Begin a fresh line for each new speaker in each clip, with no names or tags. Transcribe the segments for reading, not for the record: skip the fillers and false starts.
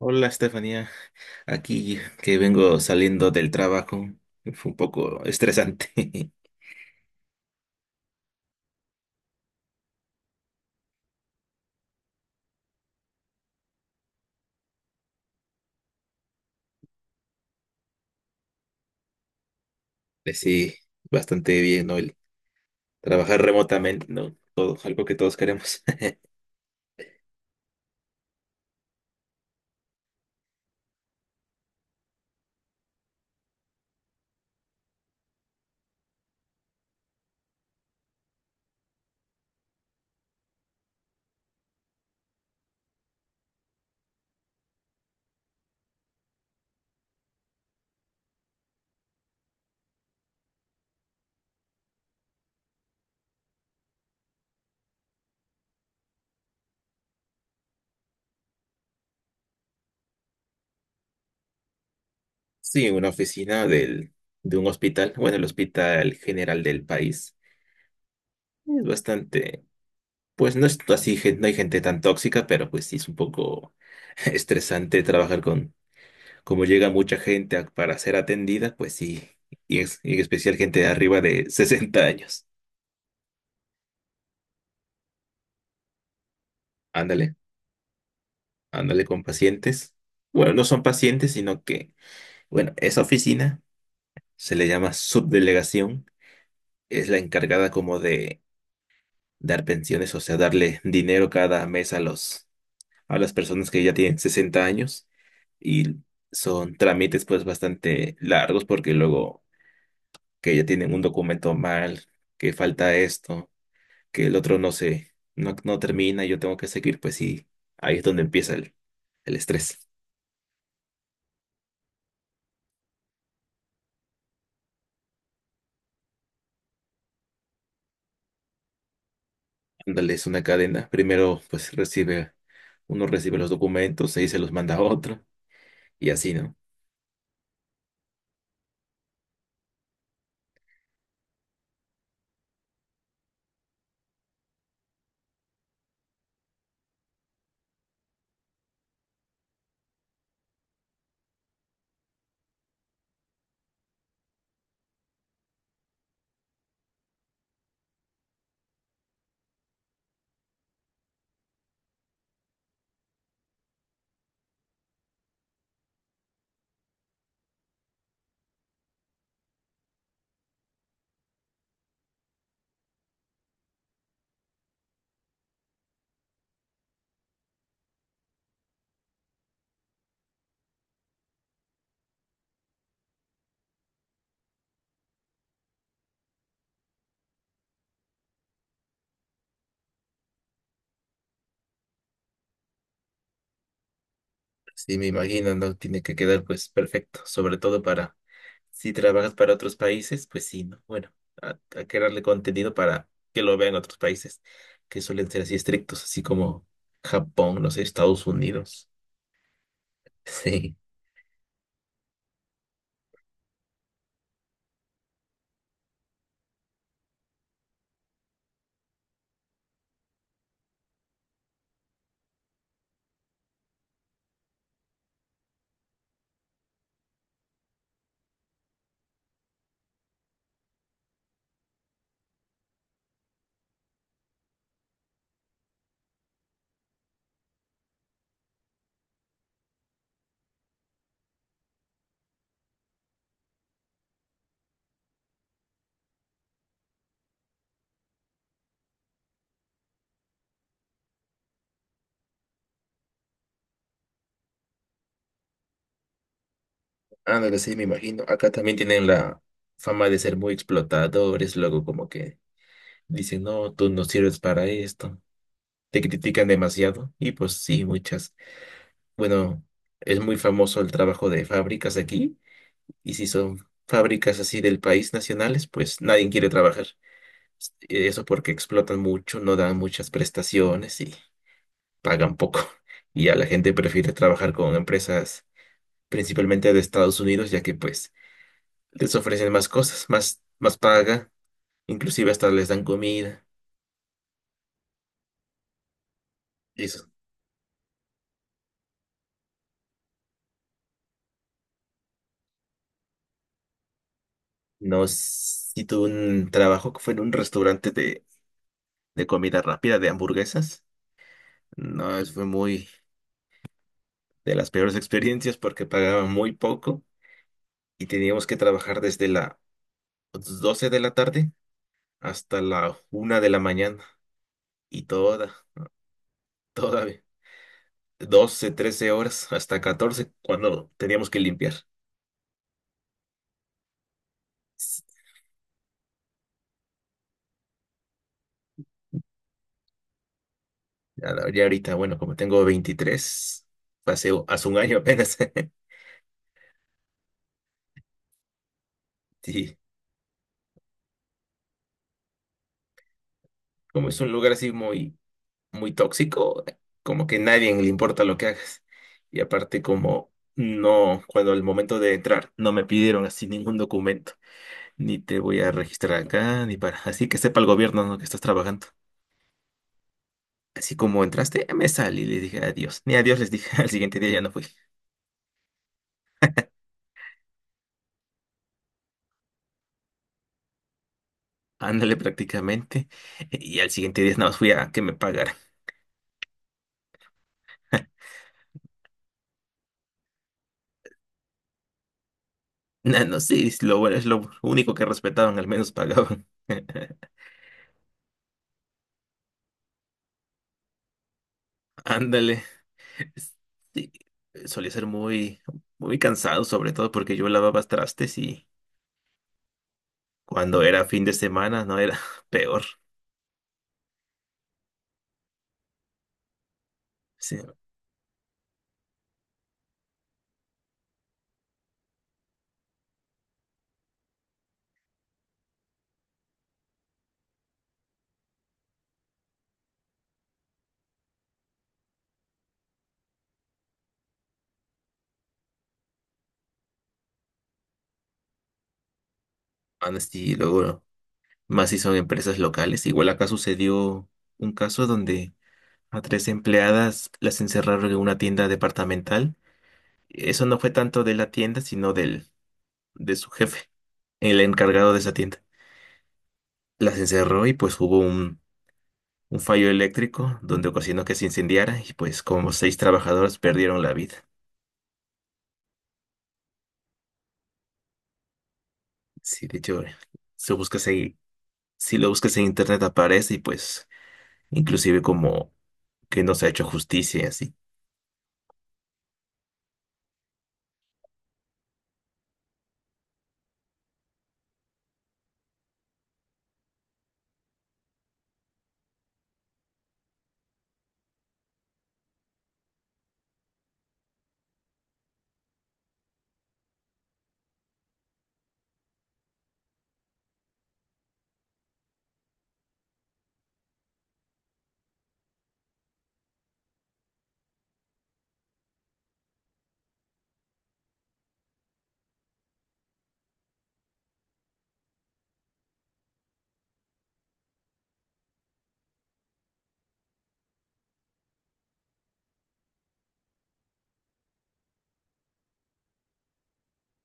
Hola, Estefanía. Aquí que vengo saliendo del trabajo. Fue un poco estresante. Pues sí, bastante bien, ¿no? El trabajar remotamente, ¿no? Todo, algo que todos queremos. Sí, una oficina de un hospital, bueno, el hospital general del país. Es bastante, pues no es así, no hay gente tan tóxica, pero pues sí es un poco estresante trabajar como llega mucha gente para ser atendida, pues sí, y en especial gente de arriba de 60 años. Ándale, ándale con pacientes. Bueno, no son pacientes, sino que, bueno, esa oficina se le llama subdelegación. Es la encargada como de dar pensiones, o sea, darle dinero cada mes a a las personas que ya tienen 60 años. Y son trámites pues bastante largos porque luego que ya tienen un documento mal, que falta esto, que el otro no se, no termina, yo tengo que seguir, pues sí, ahí es donde empieza el estrés. Ándale, es una cadena. Primero, pues uno recibe los documentos, ahí se los manda a otro, y así, ¿no? Sí, me imagino, ¿no? Tiene que quedar, pues, perfecto. Sobre todo para, si trabajas para otros países, pues sí, ¿no? Bueno, hay que darle contenido para que lo vean otros países, que suelen ser así estrictos, así como Japón, no sé, Estados Unidos. Sí. Ándale, sí, me imagino. Acá también tienen la fama de ser muy explotadores, luego como que dicen, no, tú no sirves para esto. Te critican demasiado. Y pues sí, muchas. Bueno, es muy famoso el trabajo de fábricas aquí. Y si son fábricas así del país nacionales, pues nadie quiere trabajar. Eso porque explotan mucho, no dan muchas prestaciones y pagan poco. Y ya la gente prefiere trabajar con empresas principalmente de Estados Unidos, ya que pues les ofrecen más cosas, más paga, inclusive hasta les dan comida. Eso. No, si tuve un trabajo que fue en un restaurante de comida rápida, de hamburguesas. No, fue muy de las peores experiencias porque pagaban muy poco y teníamos que trabajar desde las 12 de la tarde hasta la 1 de la mañana y toda, toda, 12 13 horas hasta 14 cuando teníamos que limpiar. Ya, ahorita, bueno, como tengo 23 paseo hace un año apenas. Sí, como es un lugar así muy muy tóxico, como que nadie le importa lo que hagas. Y aparte como no, cuando al momento de entrar no me pidieron así ningún documento, ni te voy a registrar acá, ni para, así que sepa el gobierno, ¿no? que estás trabajando. Así como entraste, me salí y le dije adiós. Ni adiós les dije, al siguiente día ya no fui. Ándale prácticamente. Y al siguiente día nada más fui a que me pagaran. No, no, sí, es lo bueno, es lo único que respetaban, al menos pagaban. Ándale. Sí, solía ser muy, muy cansado, sobre todo porque yo lavaba trastes y cuando era fin de semana no era peor. Sí, antes y luego más si son empresas locales. Igual acá sucedió un caso donde a tres empleadas las encerraron en una tienda departamental. Eso no fue tanto de la tienda, sino de su jefe, el encargado de esa tienda. Las encerró y pues hubo un fallo eléctrico donde ocasionó que se incendiara y pues como seis trabajadoras perdieron la vida. Sí, de hecho, si lo buscas ahí, si lo buscas en internet aparece y pues inclusive como que no se ha hecho justicia y así.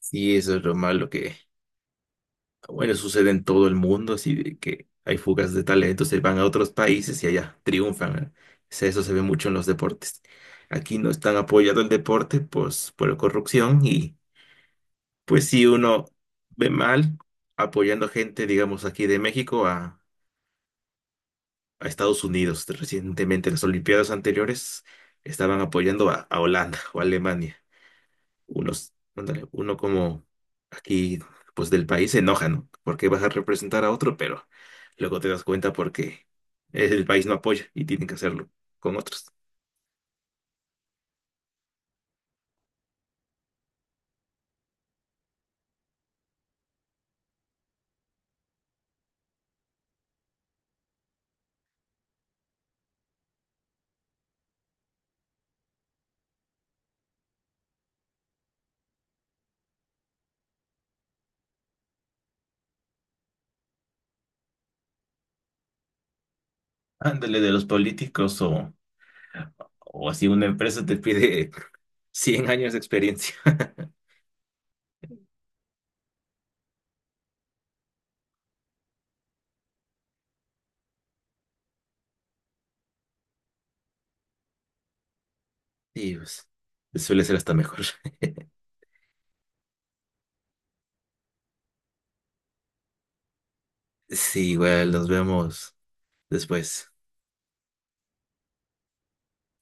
Sí, eso es lo malo que, bueno, sucede en todo el mundo, así de que hay fugas de talentos, se van a otros países y allá triunfan. ¿Eh? Eso se ve mucho en los deportes. Aquí no están apoyado el deporte, pues, por la corrupción y, pues, si uno ve mal apoyando gente, digamos, aquí de México a Estados Unidos. Recientemente, las Olimpiadas anteriores estaban apoyando a Holanda o a Alemania. Ándale, uno como aquí, pues del país se enoja, ¿no? Porque vas a representar a otro, pero luego te das cuenta porque el país no apoya y tienen que hacerlo con otros. Ándale de los políticos o así una empresa te pide 100 años de experiencia. Y pues suele ser hasta mejor. Sí, igual nos vemos después.